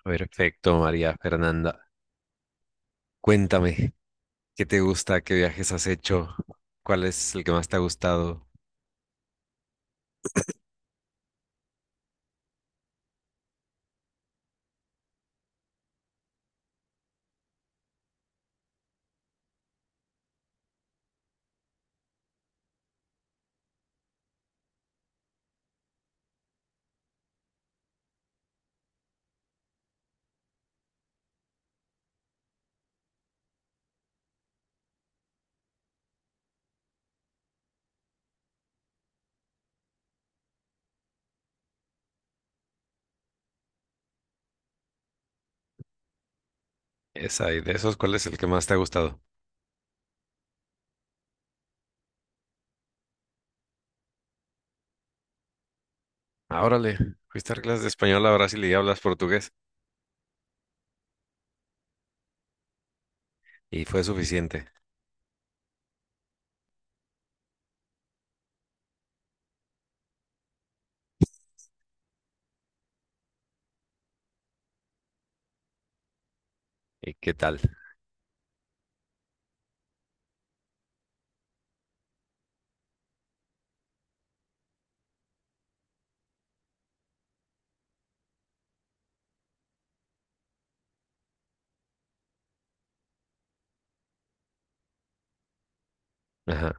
Perfecto, María Fernanda. Cuéntame, ¿qué te gusta? ¿Qué viajes has hecho? ¿Cuál es el que más te ha gustado? Esa, y de esos, ¿cuál es el que más te ha gustado? Ah, órale, fuiste a dar clases de español a Brasil y hablas portugués. Y fue suficiente. ¿Y qué tal? Ajá.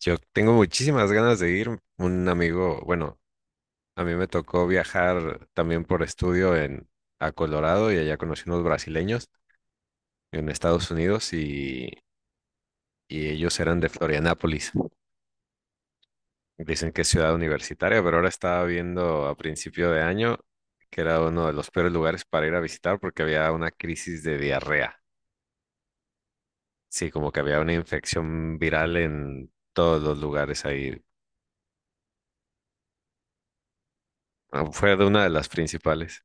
Yo tengo muchísimas ganas de ir. Un amigo, bueno, a mí me tocó viajar también por estudio a Colorado y allá conocí unos brasileños en Estados Unidos y ellos eran de Florianápolis. Dicen que es ciudad universitaria, pero ahora estaba viendo a principio de año que era uno de los peores lugares para ir a visitar porque había una crisis de diarrea. Sí, como que había una infección viral en todos los lugares ahí. Ah, fue de una de las principales.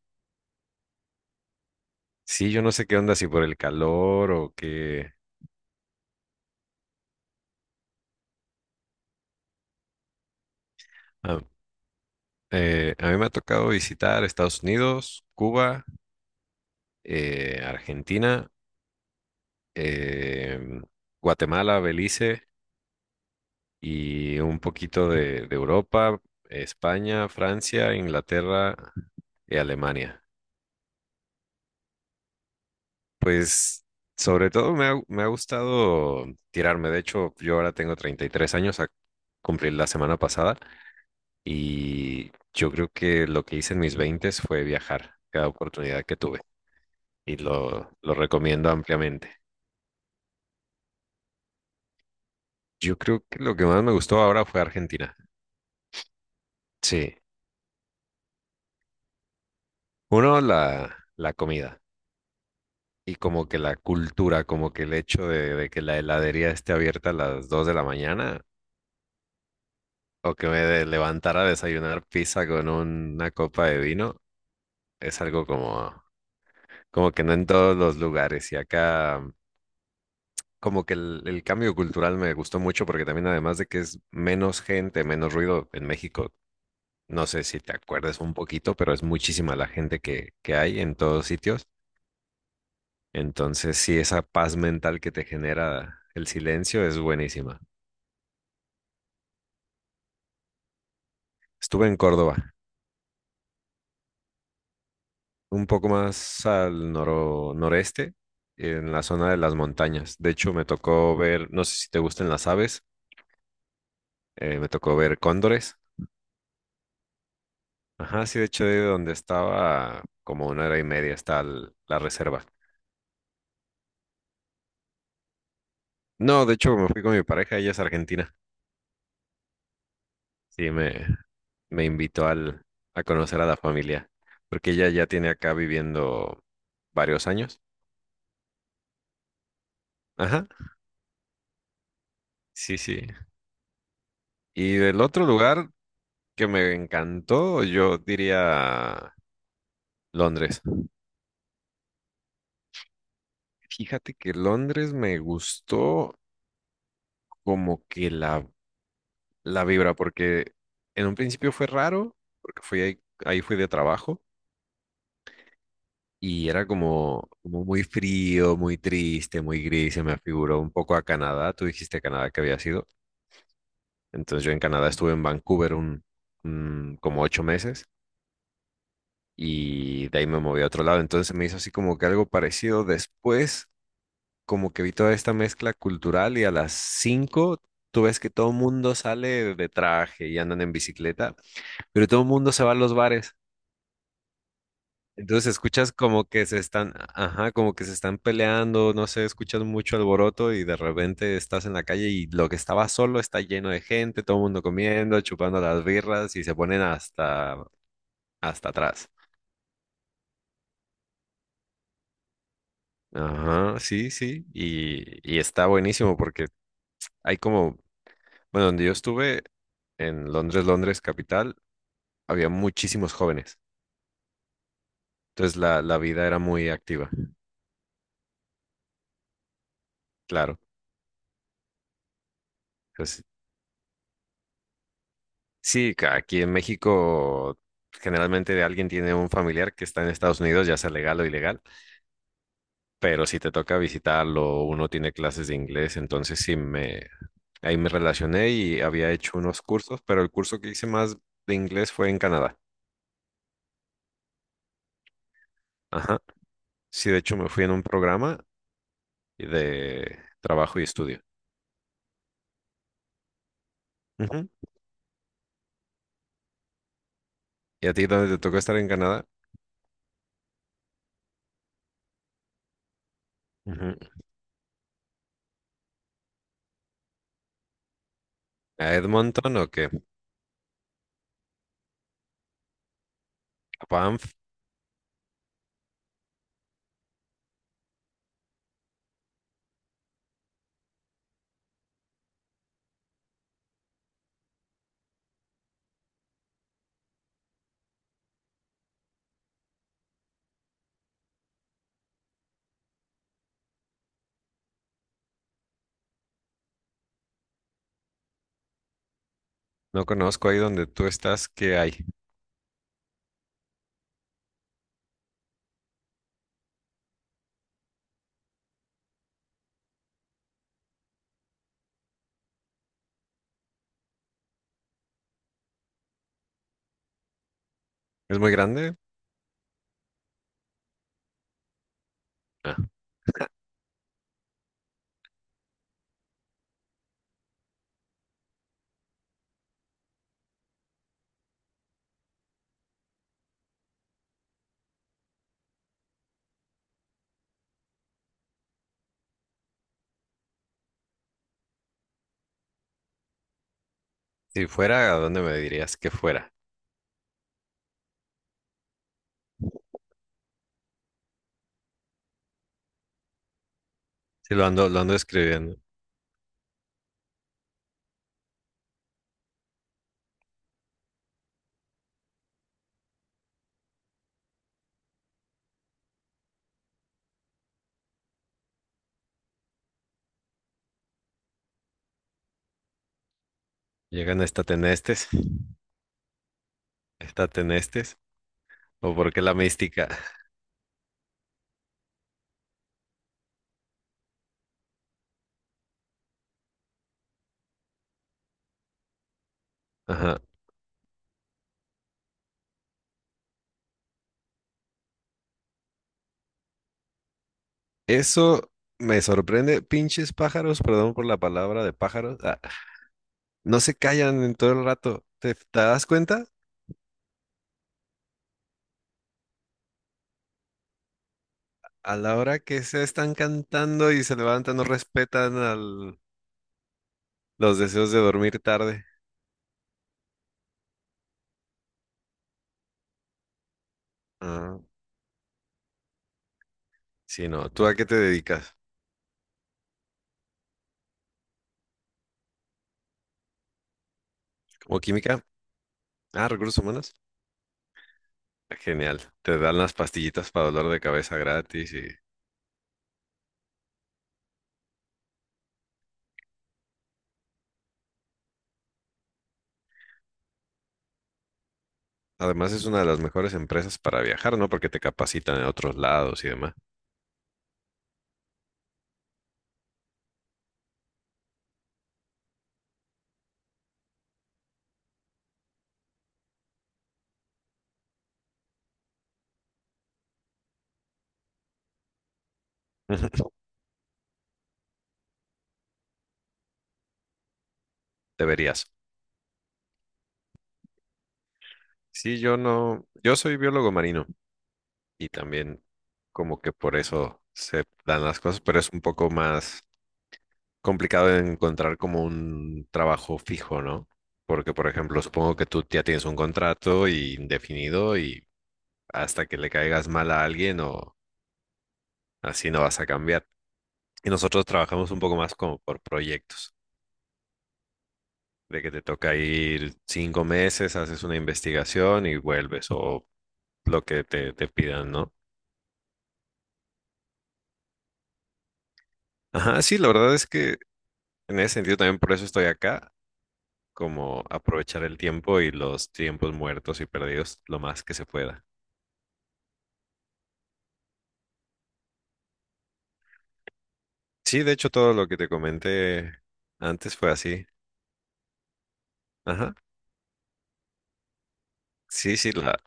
Sí, yo no sé qué onda, si por el calor o qué. Ah, a mí me ha tocado visitar Estados Unidos, Cuba, Argentina, em, Guatemala, Belice, y un poquito de Europa, España, Francia, Inglaterra y Alemania. Pues sobre todo me ha gustado tirarme. De hecho, yo ahora tengo 33 años a cumplir la semana pasada y yo creo que lo que hice en mis 20 fue viajar cada oportunidad que tuve y lo recomiendo ampliamente. Yo creo que lo que más me gustó ahora fue Argentina. Sí. Uno, la comida. Y como que la cultura, como que el hecho de que la heladería esté abierta a las 2 de la mañana o que me levantara a desayunar pizza con una copa de vino es algo como, como que no en todos los lugares. Y acá como que el cambio cultural me gustó mucho porque también además de que es menos gente, menos ruido en México, no sé si te acuerdas un poquito, pero es muchísima la gente que hay en todos sitios. Entonces sí, esa paz mental que te genera el silencio es buenísima. Estuve en Córdoba, un poco más al noreste, en la zona de las montañas. De hecho, me tocó ver, no sé si te gustan las aves, me tocó ver cóndores. Ajá, sí, de hecho, de donde estaba, como una hora y media está la reserva. No, de hecho, me fui con mi pareja, ella es argentina. Sí, me invitó al, a conocer a la familia, porque ella ya tiene acá viviendo varios años. Ajá, sí, sí. Y del otro lugar, que me encantó, yo diría Londres. Fíjate que Londres me gustó como que la vibra, porque en un principio fue raro, porque fui ahí fui de trabajo y era como, como muy frío, muy triste, muy gris, se me afiguró un poco a Canadá, tú dijiste Canadá que había sido, entonces yo en Canadá estuve en Vancouver como 8 meses y de ahí me moví a otro lado, entonces se me hizo así como que algo parecido después como que vi toda esta mezcla cultural y a las 5 tú ves que todo el mundo sale de traje y andan en bicicleta, pero todo el mundo se va a los bares. Entonces escuchas como que se están, ajá, como que se están peleando, no sé, escuchas mucho alboroto y de repente estás en la calle y lo que estaba solo está lleno de gente, todo el mundo comiendo, chupando las birras y se ponen hasta, hasta atrás. Ajá, sí, sí, y está buenísimo porque hay como bueno, donde yo estuve, en Londres, Londres capital, había muchísimos jóvenes. Entonces la vida era muy activa, claro. Pues, sí, aquí en México generalmente alguien tiene un familiar que está en Estados Unidos, ya sea legal o ilegal, pero si te toca visitarlo, uno tiene clases de inglés, entonces sí me, ahí me relacioné y había hecho unos cursos, pero el curso que hice más de inglés fue en Canadá. Ajá. Sí, de hecho me fui en un programa de trabajo y estudio. Ujú. ¿Y a ti dónde te tocó estar en Canadá? Ujú. ¿A Edmonton o qué? ¿A Banff? No conozco ahí donde tú estás, ¿qué hay? ¿Es muy grande? Ah, si fuera, ¿a dónde me dirías que fuera? Si lo ando, lo ando escribiendo. Llegan estatenestes, estatenestes, o por qué la mística. Ajá. Eso me sorprende. Pinches pájaros, perdón por la palabra de pájaros. Ah, no se callan en todo el rato. ¿Te das cuenta? A la hora que se están cantando y se levantan, no respetan al, los deseos de dormir tarde. Ah, sí, no. ¿Tú a qué te dedicas? ¿Como química? Ah, recursos humanos. Ah, genial. Te dan las pastillitas para dolor de cabeza gratis y además es una de las mejores empresas para viajar, ¿no? Porque te capacitan en otros lados y demás. Deberías. Sí, yo no. Yo soy biólogo marino y también como que por eso se dan las cosas, pero es un poco más complicado de encontrar como un trabajo fijo, ¿no? Porque, por ejemplo, supongo que tú ya tienes un contrato y indefinido y hasta que le caigas mal a alguien o así no vas a cambiar. Y nosotros trabajamos un poco más como por proyectos, de que te toca ir 5 meses, haces una investigación y vuelves o lo que te pidan, ¿no? Ajá, sí, la verdad es que en ese sentido también por eso estoy acá, como aprovechar el tiempo y los tiempos muertos y perdidos lo más que se pueda. Sí, de hecho todo lo que te comenté antes fue así. Ajá. Sí, sí, la,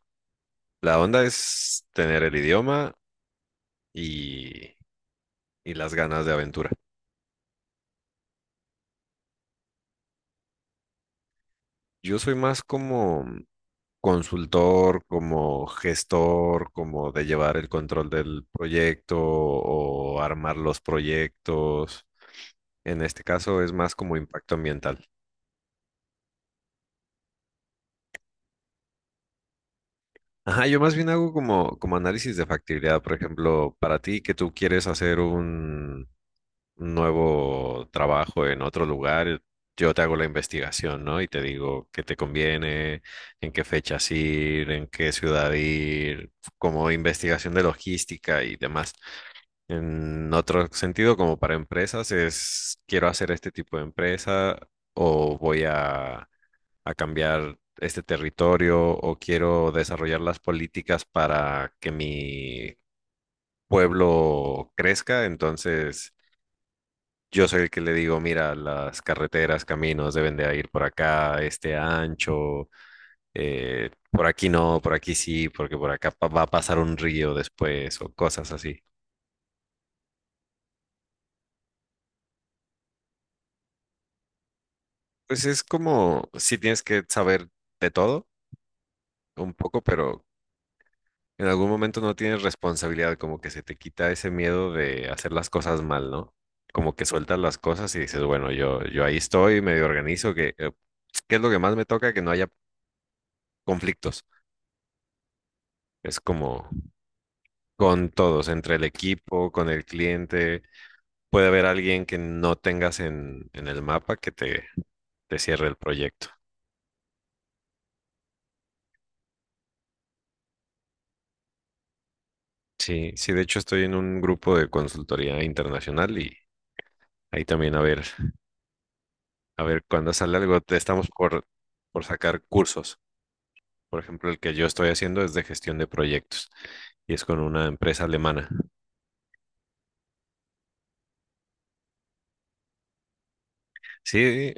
la onda es tener el idioma y, y las ganas de aventura. Yo soy más como consultor, como gestor, como de llevar el control del proyecto o armar los proyectos. En este caso es más como impacto ambiental. Ajá, yo más bien hago como, como análisis de factibilidad. Por ejemplo, para ti que tú quieres hacer nuevo trabajo en otro lugar, yo te hago la investigación, ¿no? Y te digo qué te conviene, en qué fechas ir, en qué ciudad ir, como investigación de logística y demás. En otro sentido, como para empresas, es quiero hacer este tipo de empresa o voy a cambiar este territorio o quiero desarrollar las políticas para que mi pueblo crezca, entonces yo soy el que le digo, mira, las carreteras, caminos deben de ir por acá, este ancho, por aquí no, por aquí sí, porque por acá va a pasar un río después o cosas así. Pues es como, sí tienes que saber de todo un poco, pero en algún momento no tienes responsabilidad, como que se te quita ese miedo de hacer las cosas mal, ¿no? Como que sueltas las cosas y dices, bueno, yo ahí estoy, medio organizo, que, ¿qué es lo que más me toca? Que no haya conflictos. Es como con todos, entre el equipo, con el cliente. Puede haber alguien que no tengas en el mapa que te cierre el proyecto. Sí, sí, de hecho estoy en un grupo de consultoría internacional y ahí también a ver cuando sale algo, estamos por sacar cursos. Por ejemplo, el que yo estoy haciendo es de gestión de proyectos y es con una empresa alemana. Sí,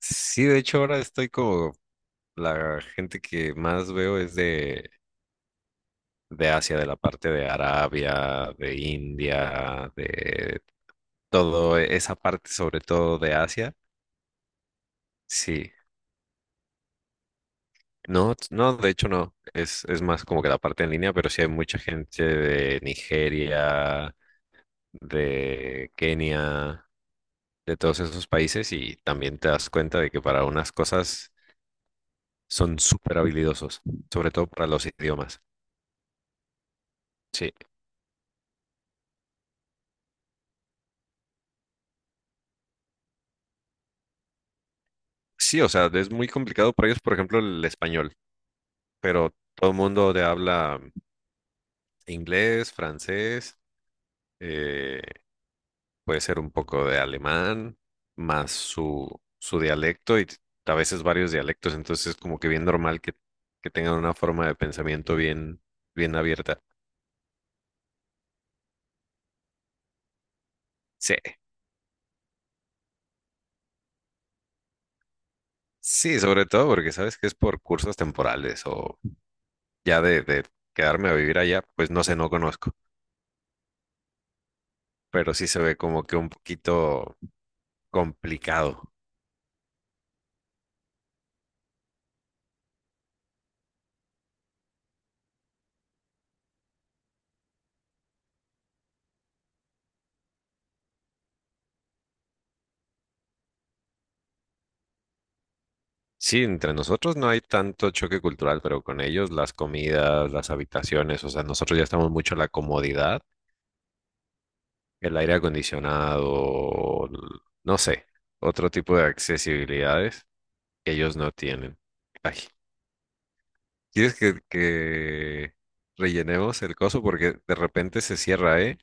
sí, de hecho ahora estoy como la gente que más veo es de Asia, de la parte de Arabia, de India, de todo esa parte, sobre todo de Asia. Sí, no, no, de hecho no, es más como que la parte en línea, pero sí hay mucha gente de Nigeria, de Kenia, de todos esos países y también te das cuenta de que para unas cosas son súper habilidosos, sobre todo para los idiomas. Sí, sí, o sea, es muy complicado para ellos, por ejemplo, el español, pero todo el mundo de habla inglés, francés, eh, puede ser un poco de alemán, más su dialecto y a veces varios dialectos, entonces es como que bien normal que tengan una forma de pensamiento bien, bien abierta. Sí, sí, sobre todo porque sabes que es por cursos temporales o ya de quedarme a vivir allá, pues no sé, no conozco, pero sí se ve como que un poquito complicado. Sí, entre nosotros no hay tanto choque cultural, pero con ellos las comidas, las habitaciones, o sea, nosotros ya estamos mucho en la comodidad, el aire acondicionado, no sé, otro tipo de accesibilidades que ellos no tienen. Ay, ¿quieres que rellenemos el coso? Porque de repente se cierra, ¿eh?